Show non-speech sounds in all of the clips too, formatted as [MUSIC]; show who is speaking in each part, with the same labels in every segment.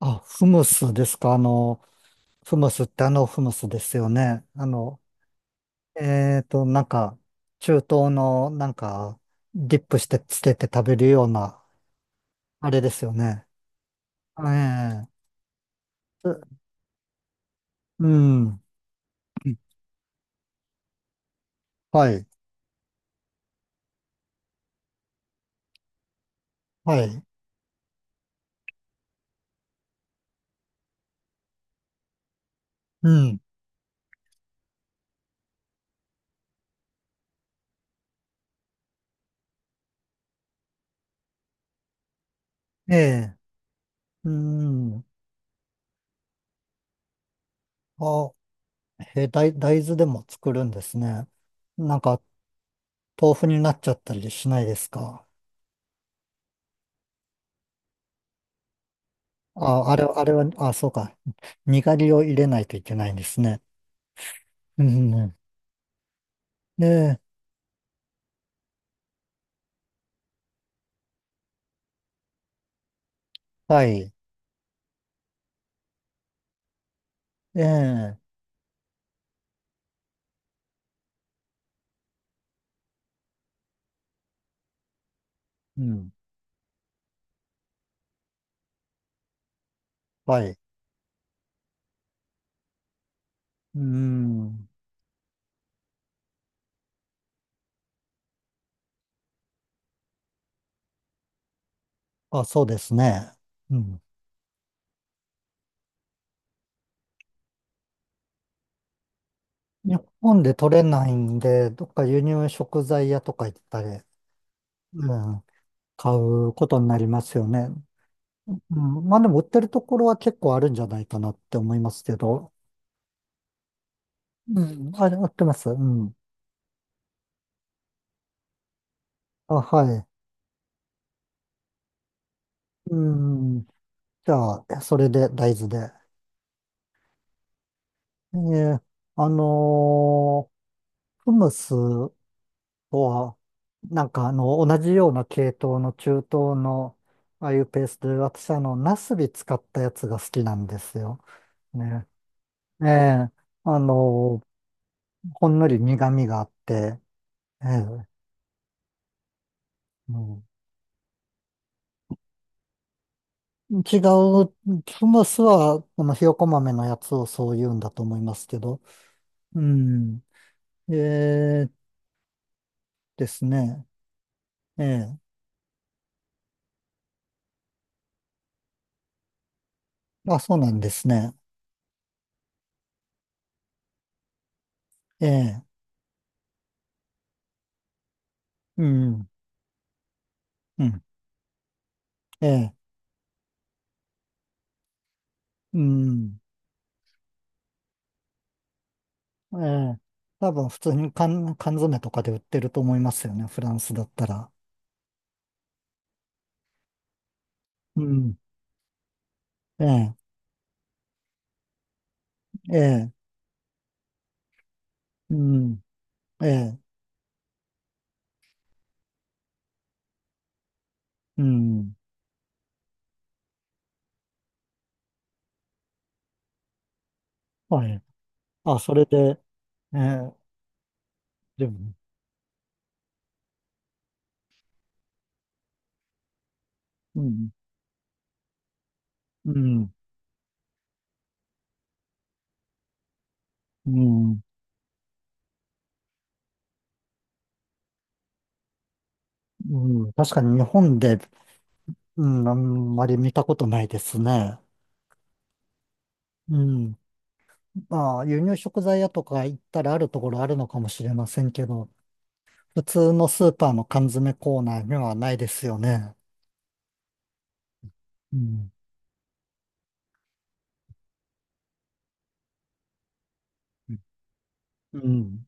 Speaker 1: あ、フムスですか。フムスってあのフムスですよね。えっと、なんか、中東の、ディップしてつけて食べるような、あれですよね。ええ、ううん。はい。はい。うん。ええ。うん。あ、え、大豆でも作るんですね。なんか、豆腐になっちゃったりしないですか？あ、あれ、あれは、あ、そうか。にがりを入れないといけないんですね。うん。ええ、はい。ええ、うん、はい。うん。あ、そうですね。うん。日本で取れないんで、どっか輸入食材屋とか行ったり、うん、買うことになりますよね。うん、まあでも売ってるところは結構あるんじゃないかなって思いますけど。うん、あれ、売ってます。うん。あ、はい。うん。じゃあ、それで大豆で。えーあのフムス、とは、同じような系統の中東の、ああいうペーストで、私ナスビ使ったやつが好きなんですよ。ね。ええ、あの、ほんのり苦味があって、ええ、うん、違う、スムースは、このひよこ豆のやつをそう言うんだと思いますけど、うん、ええですね。ええ、あ、そうなんですね。ええ、うん、うん、ええ、うん。ええ、多分普通に缶詰とかで売ってると思いますよね、フランスだったら。うん。ええ、ええ、うん、ええ、うん。はい。あ、それで、ええ、でもね、うん、うん、うん、うん。確かに日本で、うん、あんまり見たことないですね。うん。まあ、輸入食材屋とか行ったらあるところあるのかもしれませんけど、普通のスーパーの缶詰コーナーにはないですよね。うん。うん。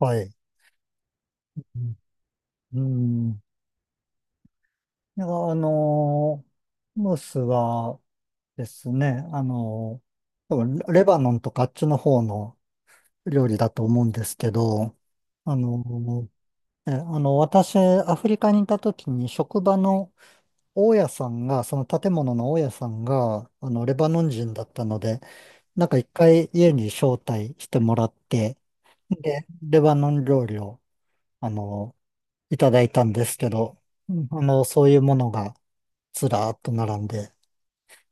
Speaker 1: はい。うん。いや、ムースはですね、多分レバノンとかあっちの方の料理だと思うんですけど、あの私、アフリカにいた時に職場の大家さんが、その建物の大家さんが、レバノン人だったので、なんか一回家に招待してもらって、で、レバノン料理を、あのーいただいたんですけど、うん、そういうものがずらーっと並んで、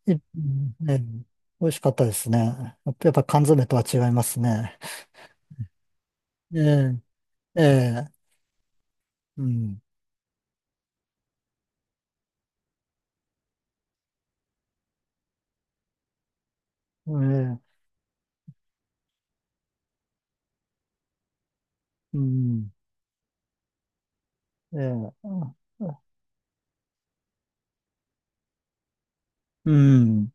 Speaker 1: いうんね、美味しかったですね。やっぱ缶詰とは違いますね。ええ、ええ、うん、ええ、うん、ええ、うん、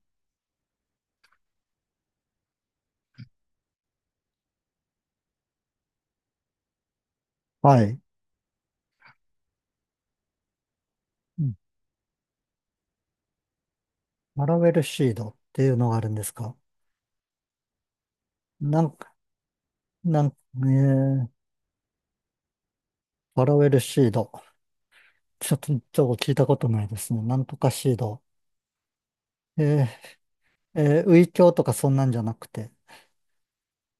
Speaker 1: はい。うん、ファラウェルシードっていうのがあるんですか？なんか、なんか、ええ、ファラウェルシード。ちょっと聞いたことないですね。なんとかシード。ええ、ええ、ウイキョウとかそんなんじゃなくて。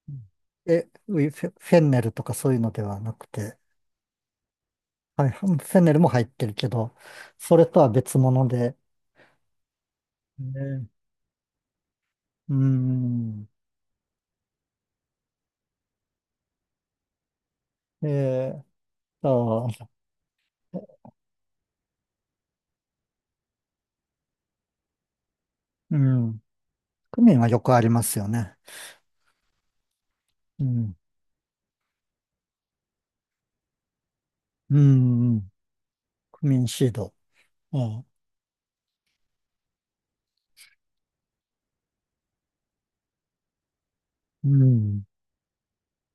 Speaker 1: うん、え、ウィフェ、フェンネルとかそういうのではなくて、はい、フェンネルも入ってるけど、それとは別物で、ね、うん、えーと、あうん、クミンはよくありますよね。うん、うん、うん、クミンシード。あうん、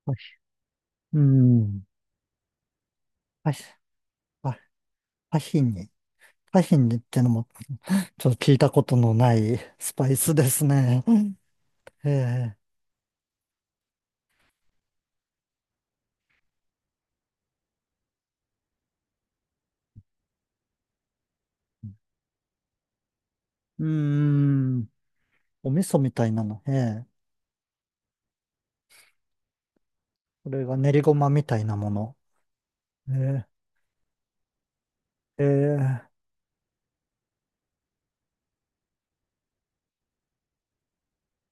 Speaker 1: ヒうん、パヒ、パパヒニ。パヒニってのも、ちょっと聞いたことのない [LAUGHS] スパイスですね。うん、ええ、うーん、お味噌みたいなの。ええ、これが練りごまみたいなもの。えー、えー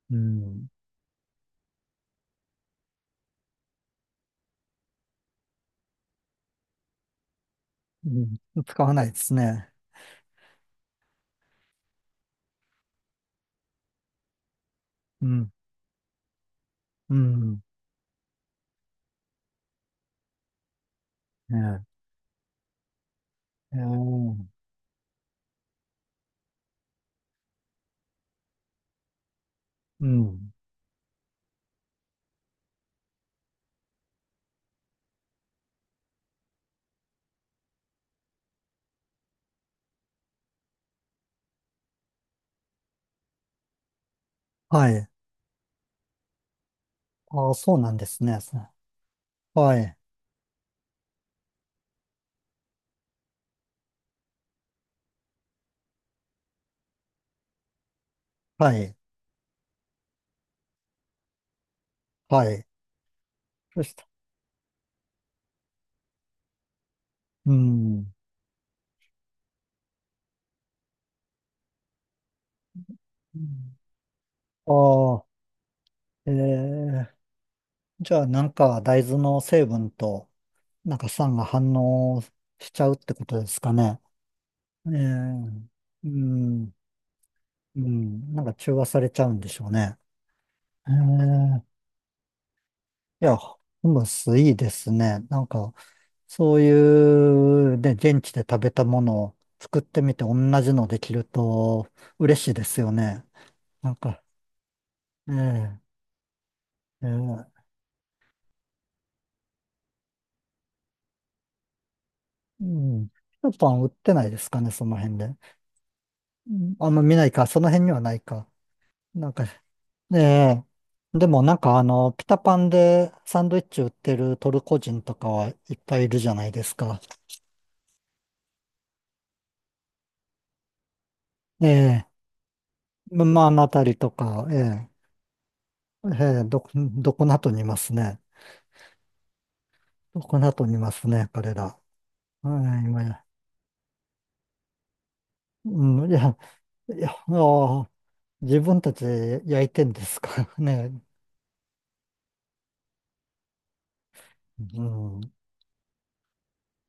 Speaker 1: うん、うん、使わないですね。うん、うん、えーえーうん、はい。ああ、そうなんですね。はい、はい、はい。そうした。うん。うん、ああ、ええ、じゃあなんか大豆の成分と、なんか酸が反応しちゃうってことですかね。ええ、うん、うん、なんか中和されちゃうんでしょうね。ええ、いや、ホムスいいですね。なんか、そういう、ね、現地で食べたものを作ってみて同じのできると嬉しいですよね。なんか、ええ、ええ、うん。スーパン売ってないですかね、その辺で。うん、あんま見ないか、その辺にはないか。なんか、ええ、でもピタパンでサンドイッチ売ってるトルコ人とかはいっぱいいるじゃないですか。ええ、まあ、あのあたりとか、ええ、ええ、[LAUGHS] どこなとにいますね。どこなとにいますね、彼ら。はい、今や。うん、いや、いや、ああ自分たちで焼いてんですからね。うん